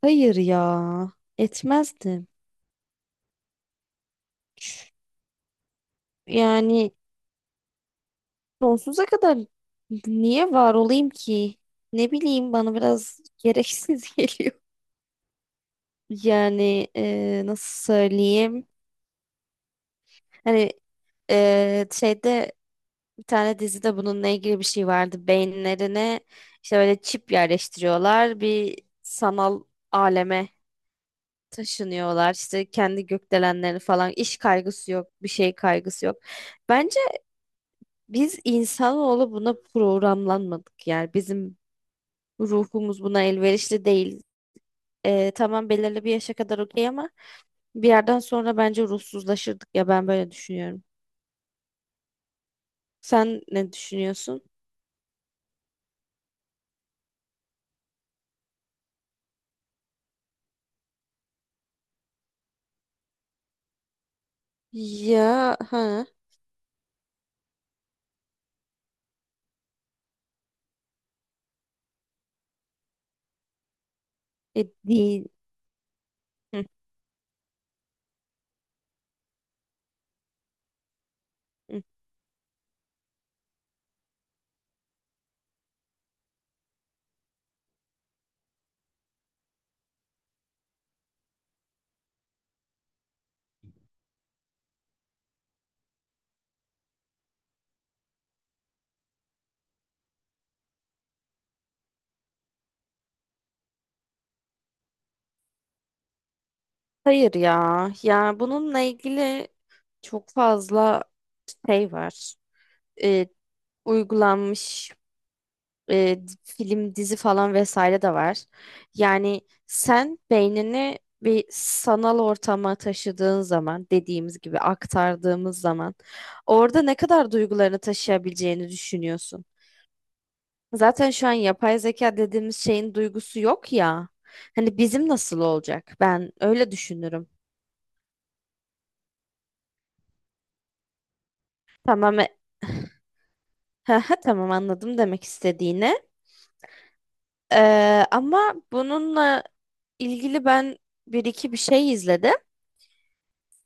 Hayır ya, etmezdim. Yani sonsuza kadar niye var olayım ki? Ne bileyim bana biraz gereksiz geliyor. Yani nasıl söyleyeyim? Hani şeyde bir tane dizide bununla ilgili bir şey vardı. Beyinlerine işte böyle çip yerleştiriyorlar. Bir sanal aleme taşınıyorlar. İşte kendi gökdelenleri falan. İş kaygısı yok, bir şey kaygısı yok. Bence biz insanoğlu buna programlanmadık, yani bizim ruhumuz buna elverişli değil. Tamam, belirli bir yaşa kadar okey, ama bir yerden sonra bence ruhsuzlaşırdık ya, ben böyle düşünüyorum. Sen ne düşünüyorsun? Ya ha değil. Hı, hı. Hayır ya, ya bununla ilgili çok fazla şey var. Ee, Uygulanmış film, dizi falan vesaire de var. Yani sen beynini bir sanal ortama taşıdığın zaman, dediğimiz gibi aktardığımız zaman, orada ne kadar duygularını taşıyabileceğini düşünüyorsun. Zaten şu an yapay zeka dediğimiz şeyin duygusu yok ya. Hani bizim nasıl olacak? Ben öyle düşünürüm. Tamam, tamam, anladım demek istediğini. Ama bununla ilgili ben bir iki bir şey izledim.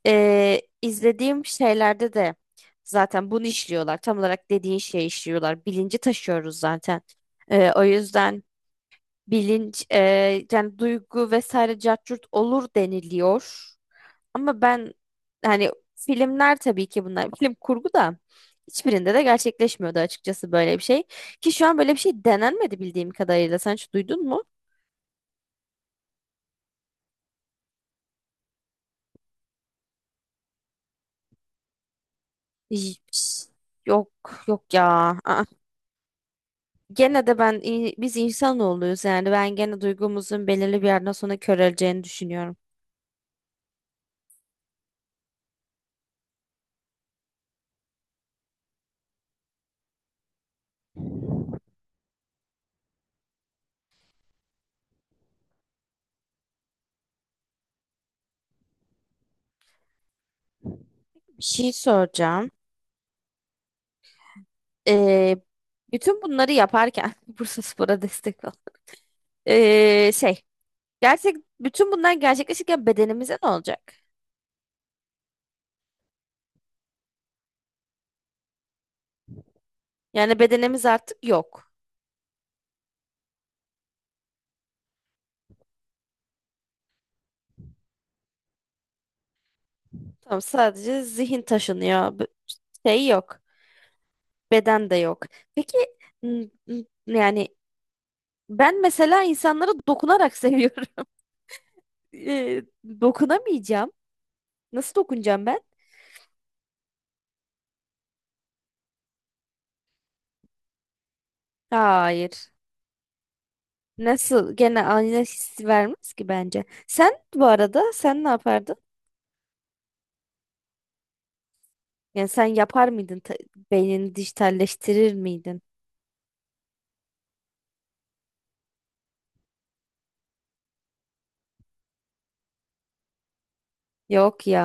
İzlediğim şeylerde de zaten bunu işliyorlar. Tam olarak dediğin şeyi işliyorlar. Bilinci taşıyoruz zaten. O yüzden bilinç yani duygu vesaire cart curt olur deniliyor. Ama ben hani, filmler tabii ki bunlar, film kurgu da hiçbirinde de gerçekleşmiyordu açıkçası böyle bir şey. Ki şu an böyle bir şey denenmedi bildiğim kadarıyla. Sen hiç duydun mu? Hiç. Yok, yok ya. Aa. Gene de ben biz insanoğluyuz, yani ben gene duygumuzun belirli bir yerden sonra köreleceğini düşünüyorum. Bir şey soracağım. Ee, Bütün bunları yaparken Bursaspor'a destek ol. Şey, gerçek, bütün bunlar gerçekleşirken bedenimize ne olacak? Yani bedenimiz artık yok. Tamam, sadece zihin taşınıyor. Şey yok. Beden de yok. Peki yani ben mesela insanlara dokunarak seviyorum. Ee, Dokunamayacağım. Nasıl dokunacağım ben? Hayır. Nasıl? Gene aynı hissi vermez ki bence. Sen bu arada, sen ne yapardın? Yani sen yapar mıydın? Beynini dijitalleştirir miydin? Yok ya.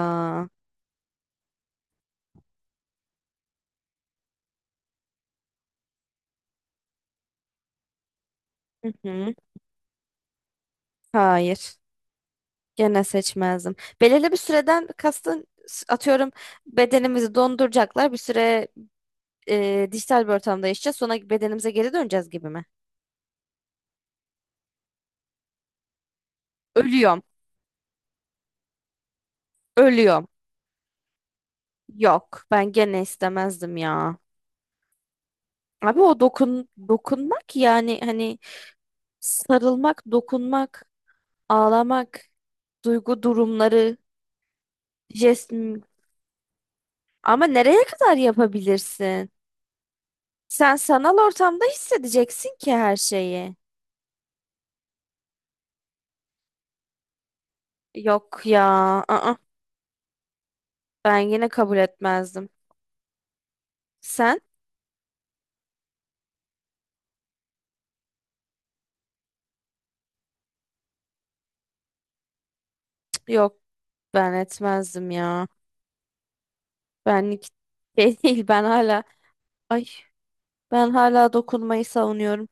Hı hı. Hayır. Gene seçmezdim. Belirli bir süreden kastın, atıyorum bedenimizi donduracaklar. Bir süre dijital bir ortamda yaşayacağız. Sonra bedenimize geri döneceğiz gibi mi? Ölüyorum. Ölüyorum. Yok. Ben gene istemezdim ya. Abi o dokunmak yani, hani sarılmak, dokunmak, ağlamak, duygu durumları, jest. Ama nereye kadar yapabilirsin? Sen sanal ortamda hissedeceksin ki her şeyi. Yok ya. Aa, ben yine kabul etmezdim. Sen? Cık. Yok, ben etmezdim ya. Benlik şey değil. Ay ben hala dokunmayı savunuyorum.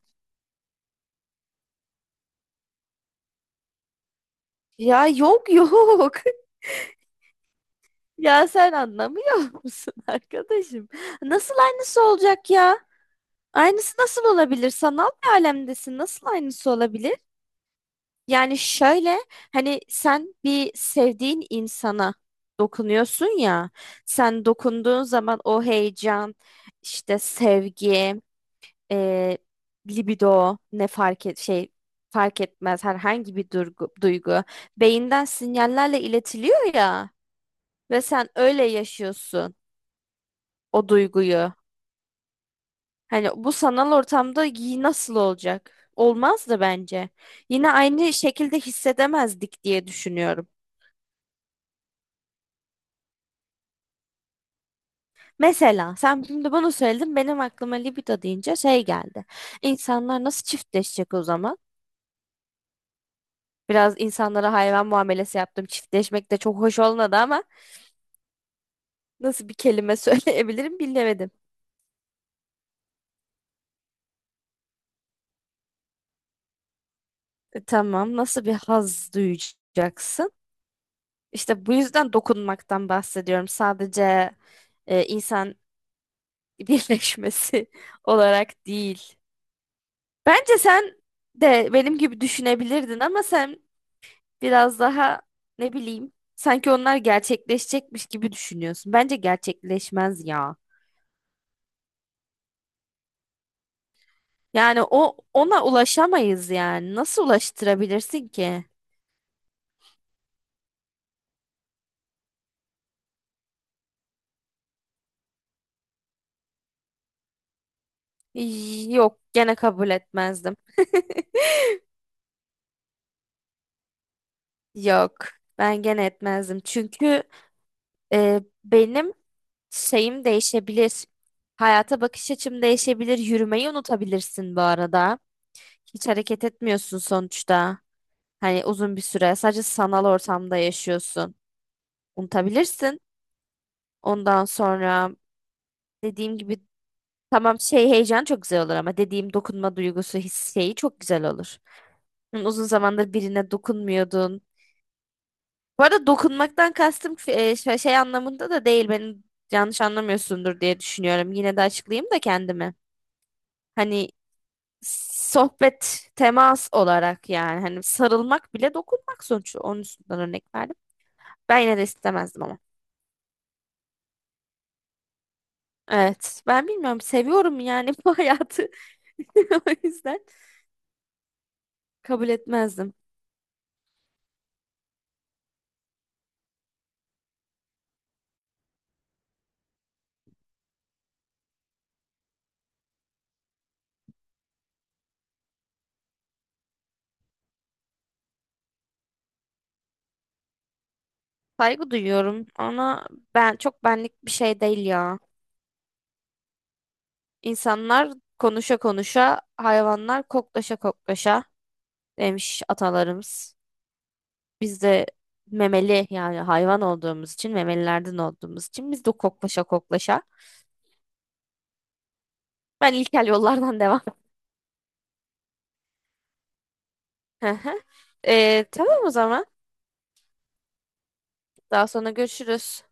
Ya, yok, yok. Ya sen anlamıyor musun arkadaşım? Nasıl aynısı olacak ya? Aynısı nasıl olabilir? Sanal bir alemdesin. Nasıl aynısı olabilir? Yani şöyle, hani sen bir sevdiğin insana dokunuyorsun ya. Sen dokunduğun zaman o heyecan, işte sevgi, e, libido, ne fark et fark etmez, herhangi bir duygu beyinden sinyallerle iletiliyor ya, ve sen öyle yaşıyorsun o duyguyu. Hani bu sanal ortamda giy nasıl olacak? Olmaz da bence. Yine aynı şekilde hissedemezdik diye düşünüyorum. Mesela sen şimdi bunu söyledin, benim aklıma libido deyince şey geldi. İnsanlar nasıl çiftleşecek o zaman? Biraz insanlara hayvan muamelesi yaptım. Çiftleşmek de çok hoş olmadı ama nasıl bir kelime söyleyebilirim bilemedim. Tamam, nasıl bir haz duyacaksın? İşte bu yüzden dokunmaktan bahsediyorum. Sadece insan birleşmesi olarak değil. Bence sen de benim gibi düşünebilirdin, ama sen biraz daha, ne bileyim, sanki onlar gerçekleşecekmiş gibi düşünüyorsun. Bence gerçekleşmez ya. Yani o, ona ulaşamayız yani. Nasıl ulaştırabilirsin ki? Yok, gene kabul etmezdim. Yok, ben gene etmezdim. Çünkü benim şeyim değişebilir. Hayata bakış açım değişebilir. Yürümeyi unutabilirsin bu arada. Hiç hareket etmiyorsun sonuçta. Hani uzun bir süre sadece sanal ortamda yaşıyorsun. Unutabilirsin. Ondan sonra, dediğim gibi, tamam, şey, heyecan çok güzel olur, ama dediğim dokunma duygusu, his şeyi çok güzel olur. Hı. Uzun zamandır birine dokunmuyordun. Bu arada dokunmaktan kastım şey, anlamında da değil. Beni yanlış anlamıyorsundur diye düşünüyorum. Yine de açıklayayım da kendimi. Hani sohbet, temas olarak, yani hani sarılmak bile dokunmak sonuçta. Onun üstünden örnek verdim. Ben yine de istemezdim ama. Evet. Ben bilmiyorum. Seviyorum yani bu hayatı. O yüzden kabul etmezdim. Saygı duyuyorum ama ben çok benlik bir şey değil ya. İnsanlar konuşa konuşa, hayvanlar koklaşa koklaşa demiş atalarımız. Biz de memeli, yani hayvan olduğumuz için, memelilerden olduğumuz için biz de koklaşa koklaşa. Ben ilkel yollardan devam. Hı hı. Tamam o zaman. Daha sonra görüşürüz.